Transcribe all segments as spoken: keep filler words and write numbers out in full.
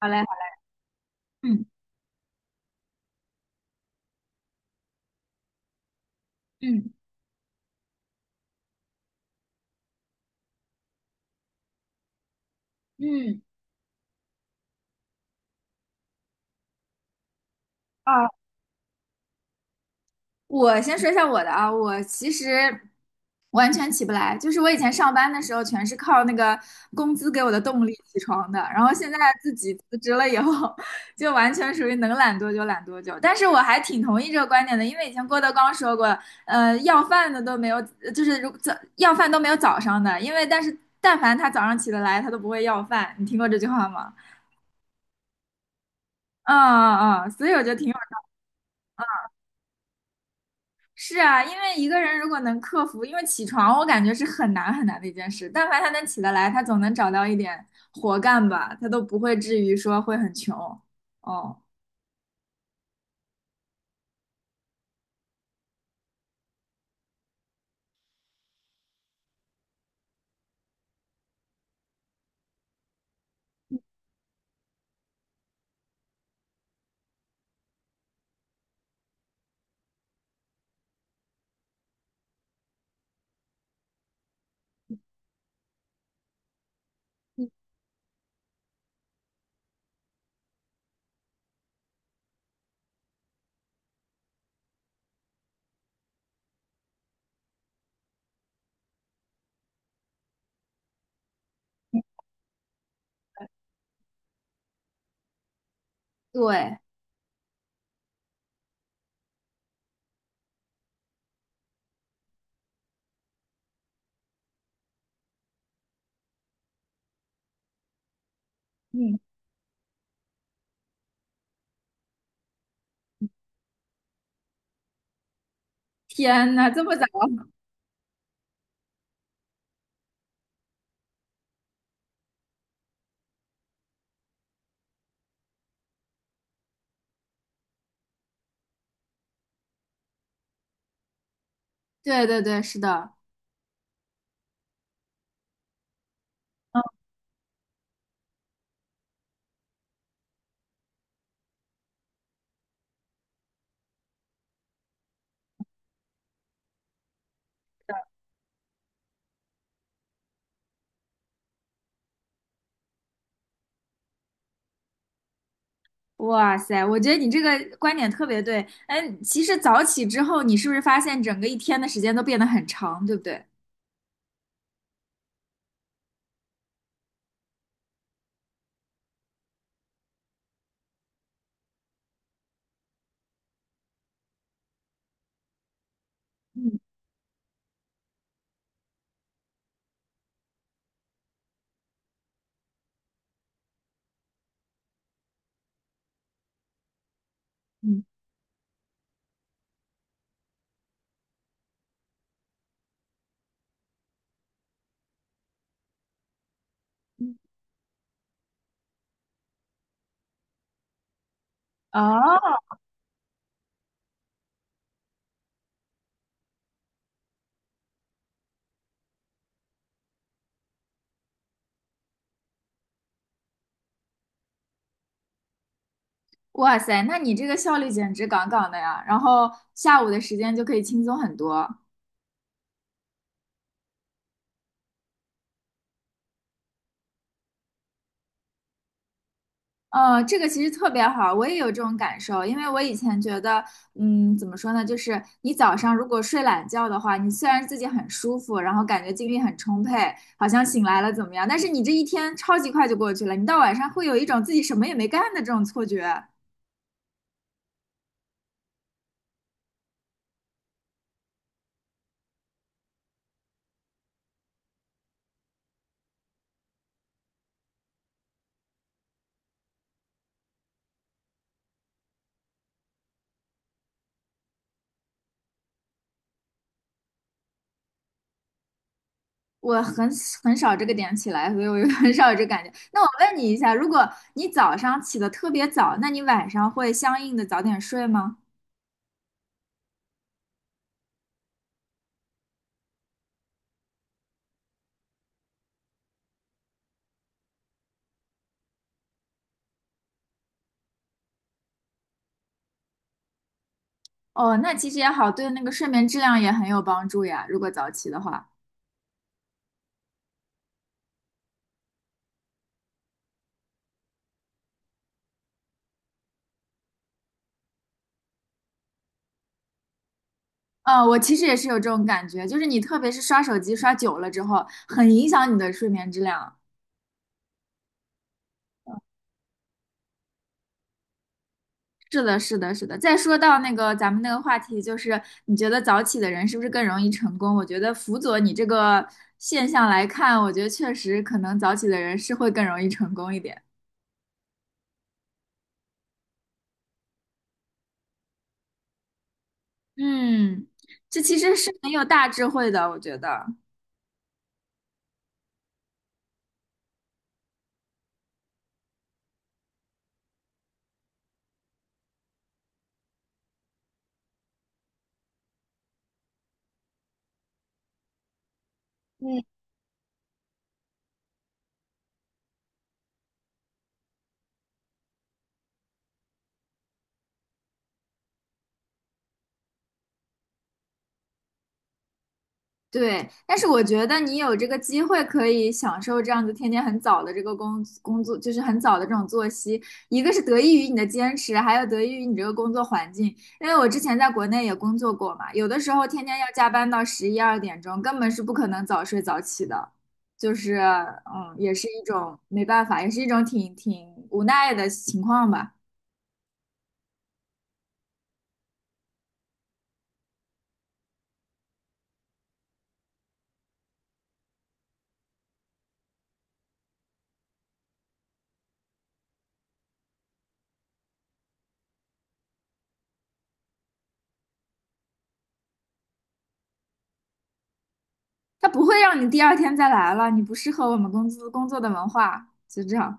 好嘞，好嘞。嗯嗯嗯。啊，我先说一下我的啊，我其实完全起不来，就是我以前上班的时候全是靠那个工资给我的动力起床的，然后现在自己辞职了以后，就完全属于能懒多久懒多久。但是我还挺同意这个观点的，因为以前郭德纲说过，呃，要饭的都没有，就是如早要饭都没有早上的，因为但是但凡他早上起得来，他都不会要饭。你听过这句话吗？嗯嗯嗯，所以我觉得挺。是啊，因为一个人如果能克服，因为起床我感觉是很难很难的一件事，但凡他能起得来，他总能找到一点活干吧，他都不会至于说会很穷。哦。对。嗯。天呐，这么早？对对对，是的。嗯。哇塞，我觉得你这个观点特别对。哎，其实早起之后，你是不是发现整个一天的时间都变得很长，对不对？嗯嗯。哦。哇塞，那你这个效率简直杠杠的呀！然后下午的时间就可以轻松很多。呃，这个其实特别好，我也有这种感受，因为我以前觉得，嗯，怎么说呢，就是你早上如果睡懒觉的话，你虽然自己很舒服，然后感觉精力很充沛，好像醒来了怎么样，但是你这一天超级快就过去了，你到晚上会有一种自己什么也没干的这种错觉。我很很少这个点起来，所以我就很 少有这个感觉。那我问你一下，如果你早上起得特别早，那你晚上会相应的早点睡吗？哦，那其实也好，对那个睡眠质量也很有帮助呀。如果早起的话，嗯，我其实也是有这种感觉，就是你特别是刷手机刷久了之后，很影响你的睡眠质量。是的，是的，是的。再说到那个咱们那个话题，就是你觉得早起的人是不是更容易成功？我觉得辅佐你这个现象来看，我觉得确实可能早起的人是会更容易成功一点。嗯，这其实是很有大智慧的，我觉得。对，但是我觉得你有这个机会可以享受这样子天天很早的这个工工作，就是很早的这种作息，一个是得益于你的坚持，还有得益于你这个工作环境。因为我之前在国内也工作过嘛，有的时候天天要加班到十一二点钟，根本是不可能早睡早起的，就是嗯，也是一种没办法，也是一种挺挺无奈的情况吧。它不会让你第二天再来了，你不适合我们公司工作的文化，就这样。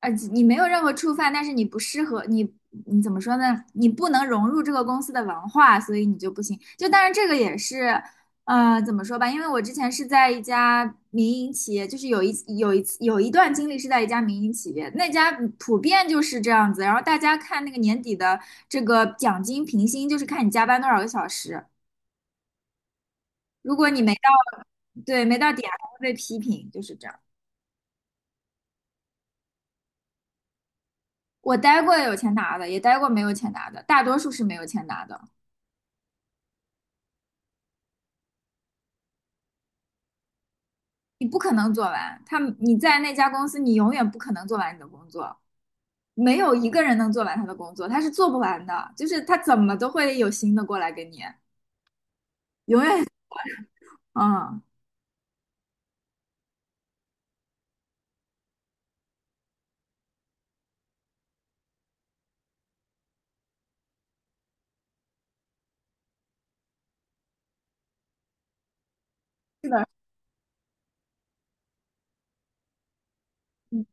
呃，你没有任何触犯，但是你不适合你，你怎么说呢？你不能融入这个公司的文化，所以你就不行。就当然这个也是，呃，怎么说吧？因为我之前是在一家民营企业，就是有一有一次有一段经历是在一家民营企业，那家普遍就是这样子。然后大家看那个年底的这个奖金评薪，就是看你加班多少个小时。如果你没到，对，没到点，还会被批评，就是这样。我待过有钱拿的，也待过没有钱拿的，大多数是没有钱拿的。你不可能做完。他你在那家公司，你永远不可能做完你的工作，没有一个人能做完他的工作，他是做不完的。就是他怎么都会有新的过来给你，永远。嗯。是的。嗯。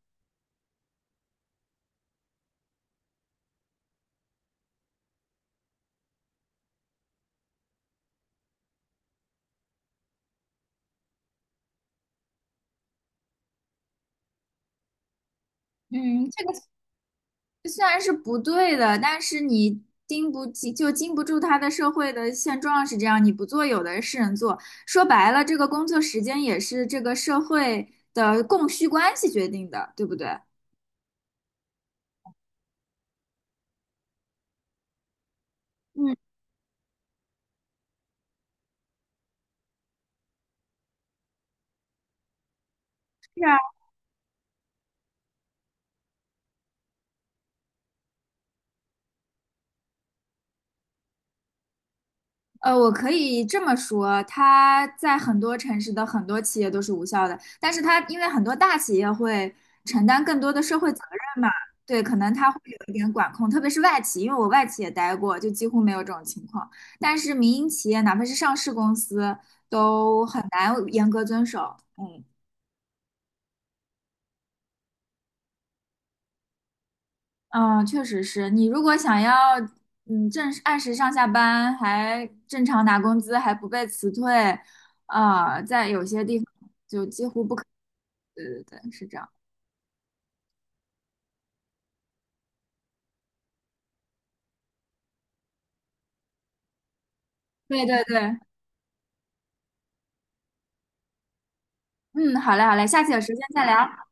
嗯，这个虽然是不对的，但是你经不起就经不住他的社会的现状是这样，你不做，有的是人做。说白了，这个工作时间也是这个社会的供需关系决定的，对不对？嗯，是啊。呃，我可以这么说，它在很多城市的很多企业都是无效的，但是它因为很多大企业会承担更多的社会责任嘛，对，可能它会有一点管控，特别是外企，因为我外企也待过，就几乎没有这种情况。但是民营企业，哪怕是上市公司，都很难严格遵守。嗯嗯，确实是你如果想要嗯正按时上下班，还正常拿工资，还不被辞退，啊、在有些地方。对对对，是这样。对对对。嗯，好嘞好嘞，下次有时间再聊。